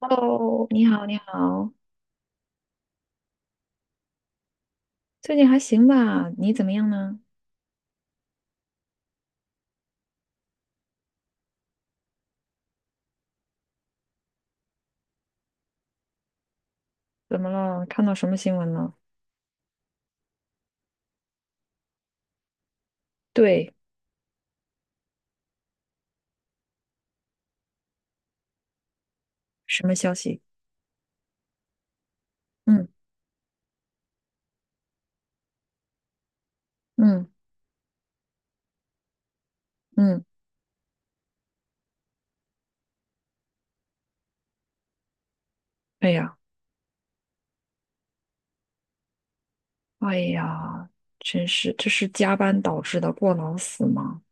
Hello，你好，你好，最近还行吧？你怎么样呢？怎么了？看到什么新闻了？对，什么消息？嗯嗯嗯，哎呀，哎呀，真是，这是加班导致的过劳死吗？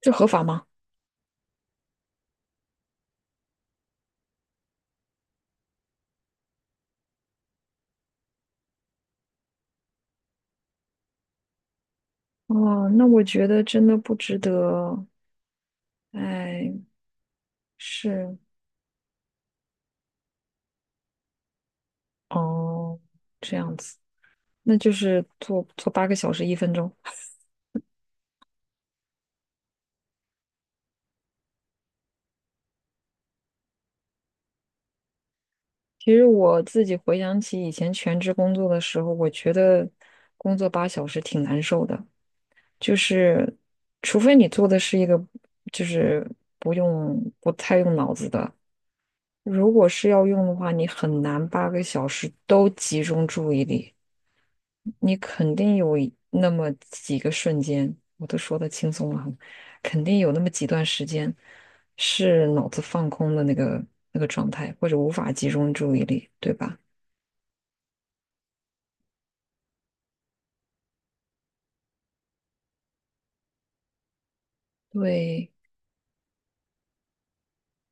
这合法吗？哦，那我觉得真的不值得。哎，是，哦，这样子，那就是做做8个小时1分钟。其实我自己回想起以前全职工作的时候，我觉得工作8小时挺难受的，就是除非你做的是一个就是不太用脑子的，如果是要用的话，你很难八个小时都集中注意力，你肯定有一那么几个瞬间，我都说的轻松了很，肯定有那么几段时间是脑子放空的那个状态，或者无法集中注意力，对吧？对，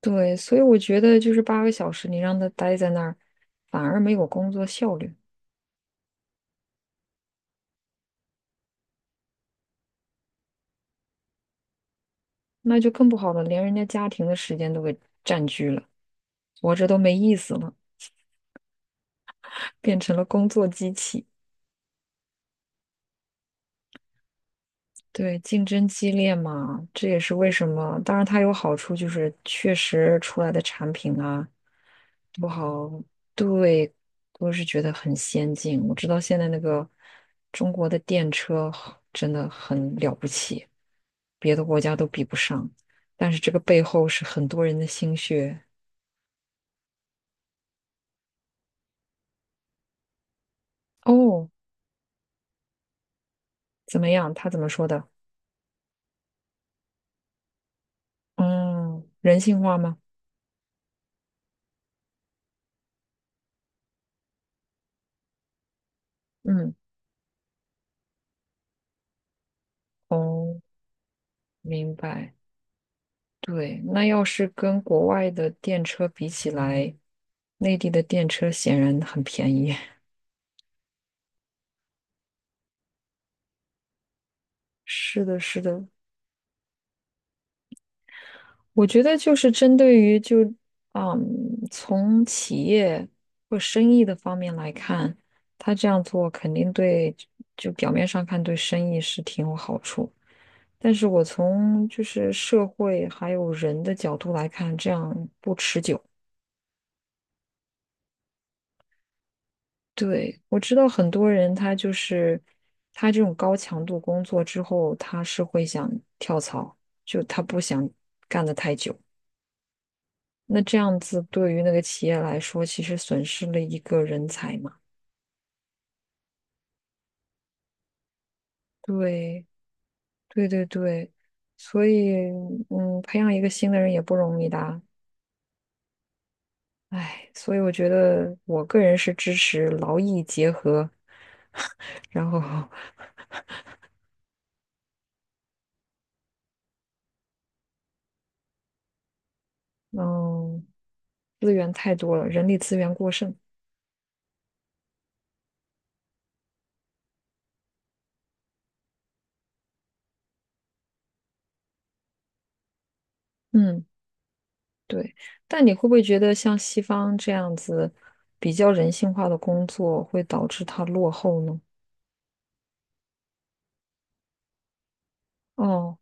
对，所以我觉得就是八个小时，你让他待在那儿，反而没有工作效率，那就更不好了，连人家家庭的时间都给占据了，我这都没意思了，变成了工作机器。对，竞争激烈嘛，这也是为什么。当然，它有好处，就是确实出来的产品啊，不好，对，我是觉得很先进。我知道现在那个中国的电车真的很了不起，别的国家都比不上。但是这个背后是很多人的心血。哦，怎么样？他怎么说的？嗯，人性化吗？嗯，哦，明白。对，那要是跟国外的电车比起来，内地的电车显然很便宜。是的，是的，我觉得就是针对于就嗯，从企业或生意的方面来看，他这样做肯定对，就表面上看对生意是挺有好处，但是我从就是社会还有人的角度来看，这样不持久。对，我知道很多人他就是他这种高强度工作之后，他是会想跳槽，就他不想干得太久。那这样子对于那个企业来说，其实损失了一个人才嘛。对，对对对，所以培养一个新的人也不容易的啊。唉，所以我觉得我个人是支持劳逸结合，然后嗯，资源太多了，人力资源过剩。嗯，对。但你会不会觉得像西方这样子比较人性化的工作会导致它落后呢？哦，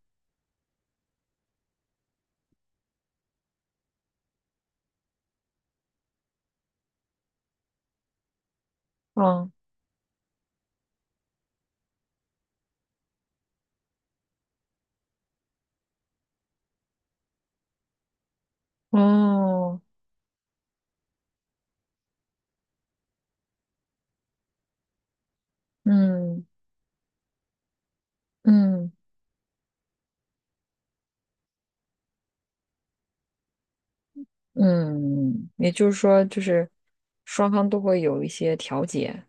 哦，哦，嗯。嗯嗯，也就是说，就是双方都会有一些调节。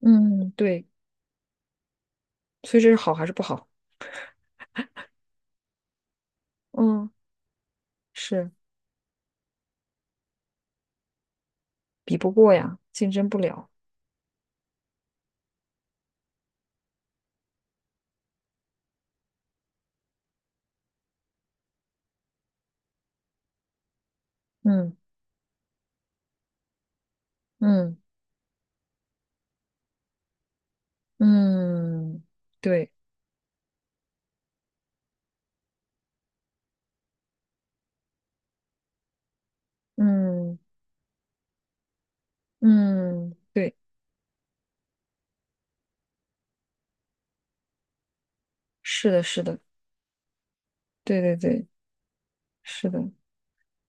嗯，对，所以这是好还是不好？嗯，是比不过呀，竞争不了。嗯嗯嗯，对，嗯嗯，对，是的，是的，对对对，是的。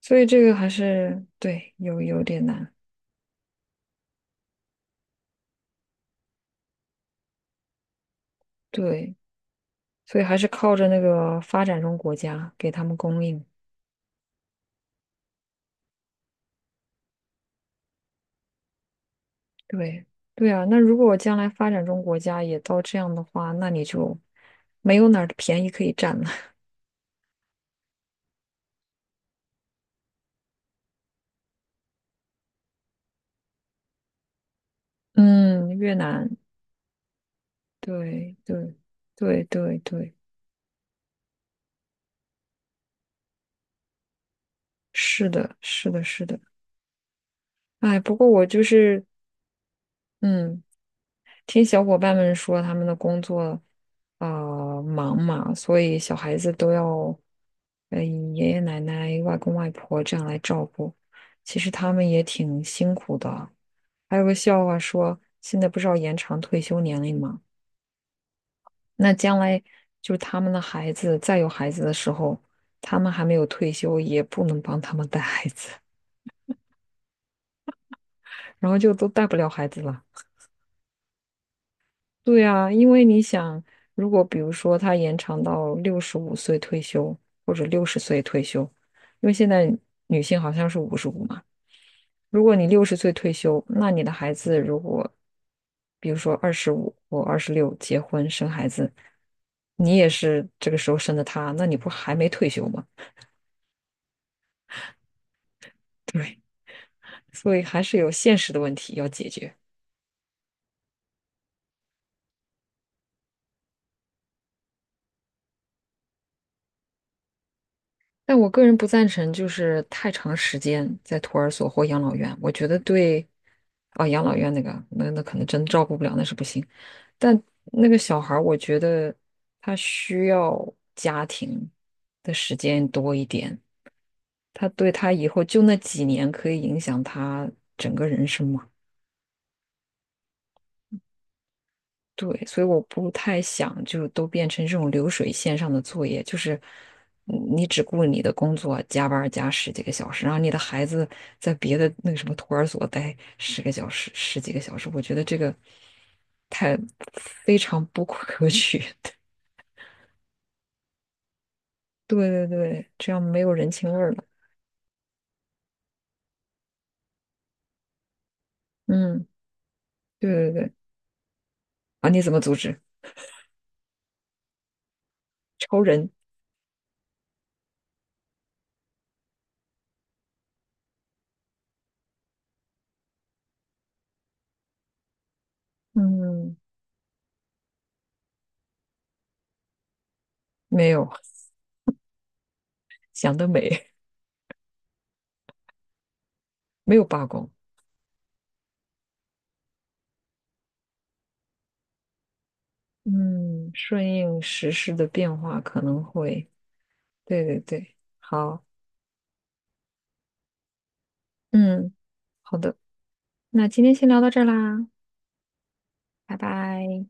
所以这个还是对，有点难，对，所以还是靠着那个发展中国家给他们供应。对对啊，那如果将来发展中国家也到这样的话，那你就没有哪儿的便宜可以占了。嗯，越南，对对对对对，是的，是的，是的。哎，不过我就是，嗯，听小伙伴们说，他们的工作啊、忙嘛，所以小孩子都要爷爷奶奶、外公外婆这样来照顾。其实他们也挺辛苦的。还有个笑话说，现在不是要延长退休年龄吗？那将来就是他们的孩子再有孩子的时候，他们还没有退休，也不能帮他们带孩子，然后就都带不了孩子了。对啊，因为你想，如果比如说他延长到65岁退休，或者六十岁退休，因为现在女性好像是55嘛。如果你六十岁退休，那你的孩子如果，比如说25或26结婚生孩子，你也是这个时候生的他，那你不还没退休吗？对，所以还是有现实的问题要解决。但我个人不赞成，就是太长时间在托儿所或养老院，我觉得对，啊、养老院那个，那可能真照顾不了，那是不行。但那个小孩儿，我觉得他需要家庭的时间多一点，他对他以后就那几年可以影响他整个人生嘛。对，所以我不太想就都变成这种流水线上的作业，就是你只顾你的工作，加班儿加十几个小时，然后你的孩子在别的那个什么托儿所待10个小时、十几个小时，我觉得这个太非常不可取。对对对，这样没有人情味儿了。嗯，对对对，啊，你怎么组织？超人？嗯，没有，想得美，没有罢工。嗯，顺应时势的变化可能会。对对对，好，嗯，好的，那今天先聊到这儿啦，拜拜。